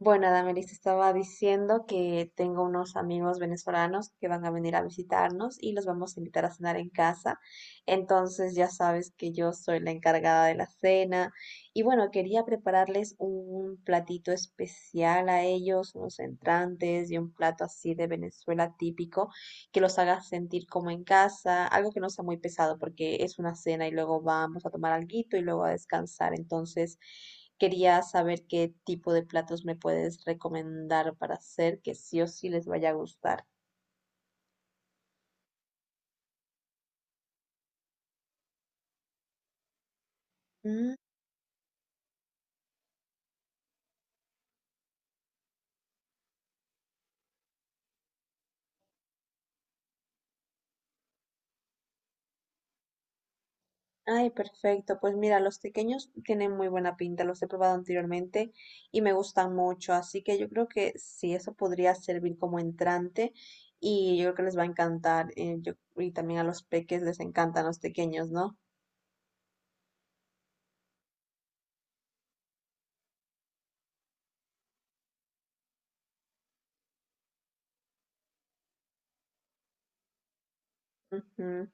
Bueno, Damaris estaba diciendo que tengo unos amigos venezolanos que van a venir a visitarnos y los vamos a invitar a cenar en casa. Entonces ya sabes que yo soy la encargada de la cena. Y bueno, quería prepararles un platito especial a ellos, unos entrantes y un plato así de Venezuela típico que los hagas sentir como en casa, algo que no sea muy pesado porque es una cena y luego vamos a tomar alguito y luego a descansar. Entonces, quería saber qué tipo de platos me puedes recomendar para hacer que sí o sí les vaya a gustar. Mm. Ay, perfecto. Pues mira, los pequeños tienen muy buena pinta, los he probado anteriormente y me gustan mucho, así que yo creo que sí, eso podría servir como entrante y yo creo que les va a encantar y también a los peques les encantan los pequeños, ¿no? Ujú.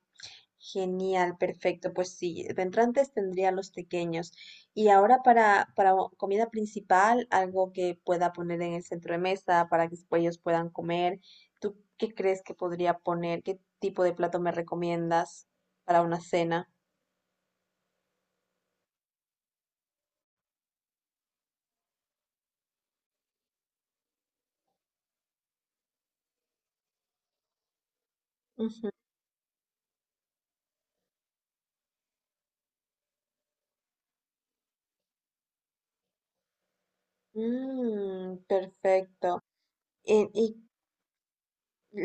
Genial, perfecto. Pues sí, de entrantes tendría los pequeños. Y ahora para comida principal, algo que pueda poner en el centro de mesa para que después ellos puedan comer. ¿Tú qué crees que podría poner? ¿Qué tipo de plato me recomiendas para una cena? Ujú. Mm, perfecto. Eh, ¿Y,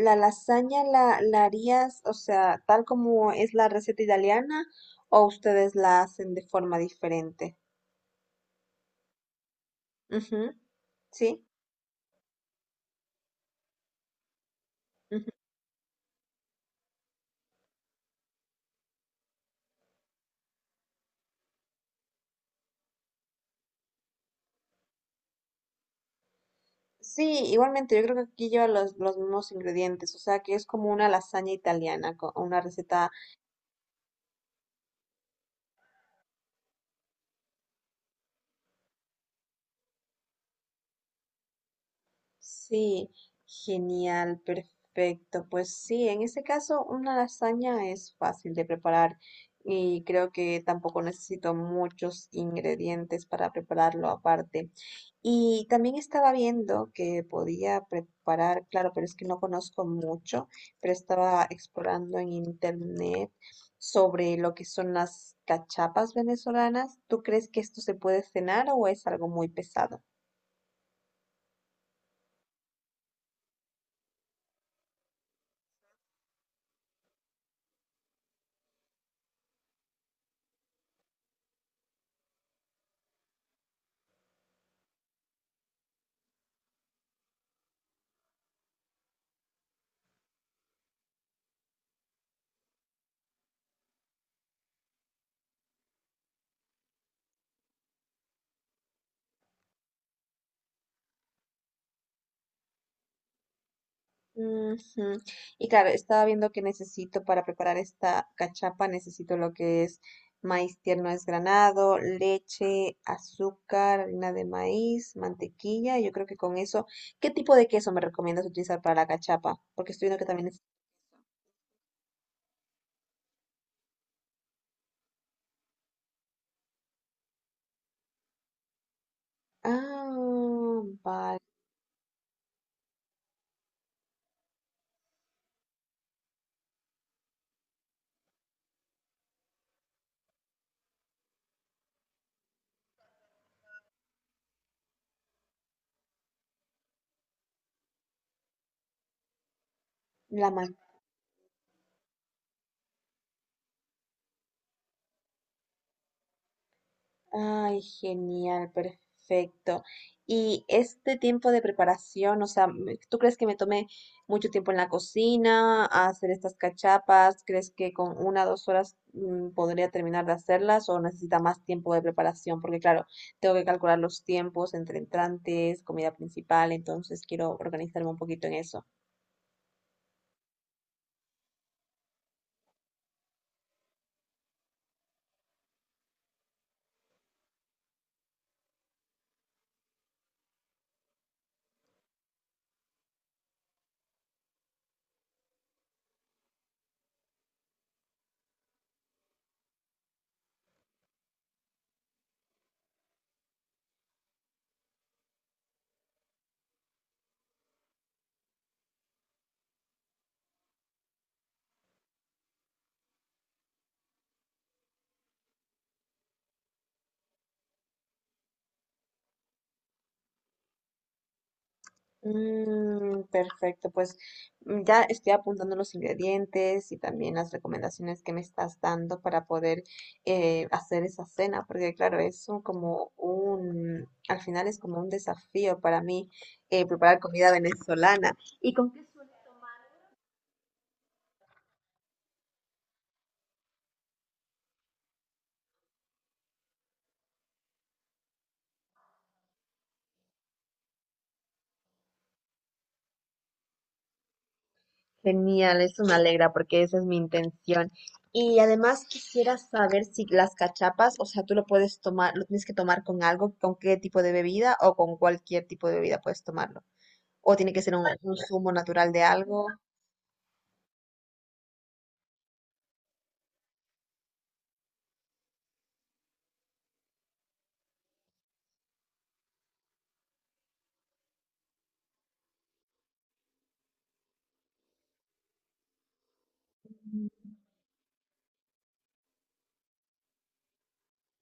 la lasaña la harías, o sea, tal como es la receta italiana, o ustedes la hacen de forma diferente? Ujú. Sí, ujú. Sí, igualmente, yo creo que aquí lleva los mismos ingredientes, o sea que es como una lasaña italiana, una receta. Sí, genial, perfecto. Pues sí, en ese caso una lasaña es fácil de preparar y creo que tampoco necesito muchos ingredientes para prepararlo aparte. Y también estaba viendo que podía preparar, claro, pero es que no conozco mucho, pero estaba explorando en internet sobre lo que son las cachapas venezolanas. ¿Tú crees que esto se puede cenar o es algo muy pesado? Ujú. Y claro, estaba viendo que necesito para preparar esta cachapa, necesito lo que es maíz tierno desgranado, leche, azúcar, harina de maíz, mantequilla. Yo creo que con eso, ¿qué tipo de queso me recomiendas utilizar para la cachapa? Porque estoy viendo que también es... Ah, vale. La. Ay, genial, perfecto. Y este tiempo de preparación, o sea, ¿tú crees que me tomé mucho tiempo en la cocina a hacer estas cachapas? ¿Crees que con una o dos horas podría terminar de hacerlas o necesita más tiempo de preparación? Porque claro, tengo que calcular los tiempos entre entrantes, comida principal, entonces quiero organizarme un poquito en eso. Mm, perfecto, pues ya estoy apuntando los ingredientes y también las recomendaciones que me estás dando para poder hacer esa cena, porque claro, es un- como un, al final es como un desafío para mí preparar comida venezolana. Genial, eso me alegra porque esa es mi intención. Y además quisiera saber si las cachapas, o sea, tú lo puedes tomar, lo tienes que tomar con algo, con qué tipo de bebida o con cualquier tipo de bebida puedes tomarlo. O tiene que ser un zumo natural de algo.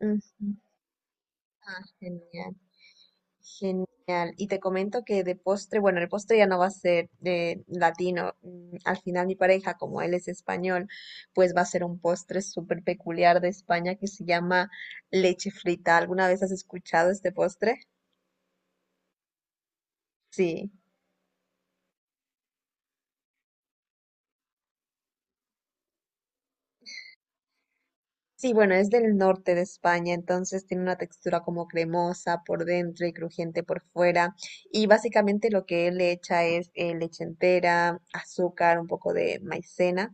Ujú. Genial, genial. Y te comento que de postre, bueno, el postre ya no va a ser de latino. Al final mi pareja, como él es español, pues va a ser un postre súper peculiar de España que se llama leche frita. ¿Alguna vez has escuchado este postre? Sí. Sí, bueno, es del norte de España, entonces tiene una textura como cremosa por dentro y crujiente por fuera. Y básicamente lo que él le echa es leche entera, azúcar, un poco de maicena,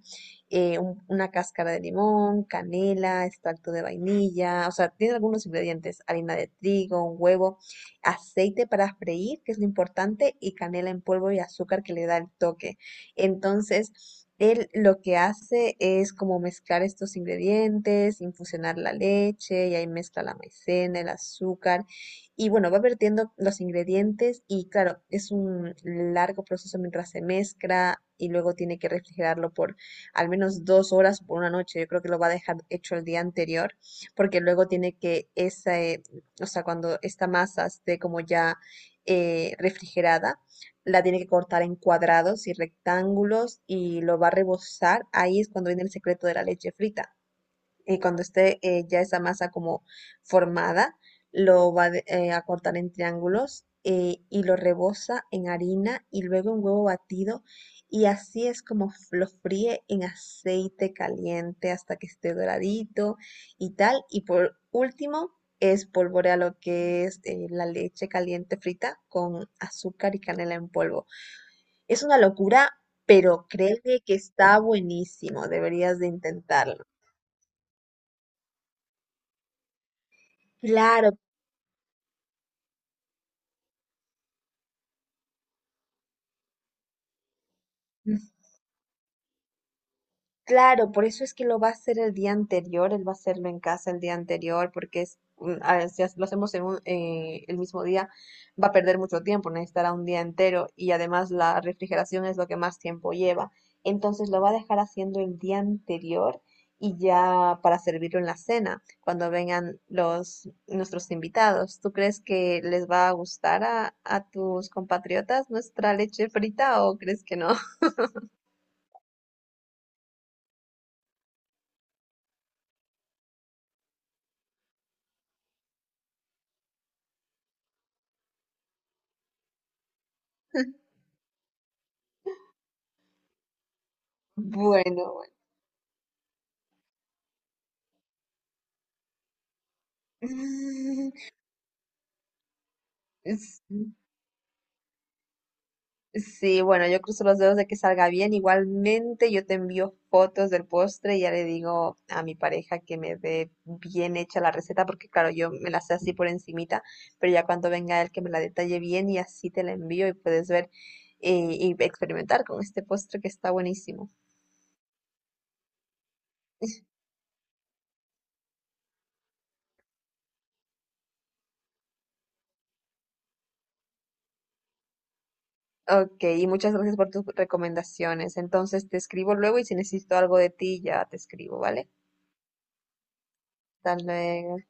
una cáscara de limón, canela, extracto de vainilla, o sea, tiene algunos ingredientes, harina de trigo, un huevo, aceite para freír, que es lo importante, y canela en polvo y azúcar que le da el toque. Entonces, él lo que hace es como mezclar estos ingredientes, infusionar la leche y ahí mezcla la maicena, el azúcar y bueno, va vertiendo los ingredientes y claro, es un largo proceso mientras se mezcla y luego tiene que refrigerarlo por al menos dos horas por una noche. Yo creo que lo va a dejar hecho el día anterior porque luego tiene que esa, o sea, cuando esta masa esté como ya refrigerada la tiene que cortar en cuadrados y rectángulos y lo va a rebozar. Ahí es cuando viene el secreto de la leche frita. Y cuando esté ya esa masa como formada, lo va a cortar en triángulos y lo reboza en harina y luego en huevo batido. Y así es como lo fríe en aceite caliente hasta que esté doradito y tal. Y por último, espolvorea lo que es la leche caliente frita con azúcar y canela en polvo. Es una locura, pero créeme que está buenísimo, deberías de intentarlo. Claro. Claro, por eso es que lo va a hacer el día anterior, él va a hacerlo en casa el día anterior, porque es, a ver, si lo hacemos en el mismo día, va a perder mucho tiempo, necesitará un día entero y además la refrigeración es lo que más tiempo lleva. Entonces lo va a dejar haciendo el día anterior y ya para servirlo en la cena, cuando vengan los nuestros invitados. ¿Tú crees que les va a gustar a tus compatriotas nuestra leche frita o crees que no? Bueno, bueno. Es- Sí, bueno, yo cruzo los dedos de que salga bien. Igualmente, yo te envío fotos del postre y ya le digo a mi pareja que me dé bien hecha la receta, porque claro, yo me la sé así por encimita, pero ya cuando venga él que me la detalle bien y así te la envío y puedes ver y experimentar con este postre que está buenísimo. Ok, y muchas gracias por tus recomendaciones. Entonces te escribo luego y si necesito algo de ti ya te escribo, ¿vale? Dale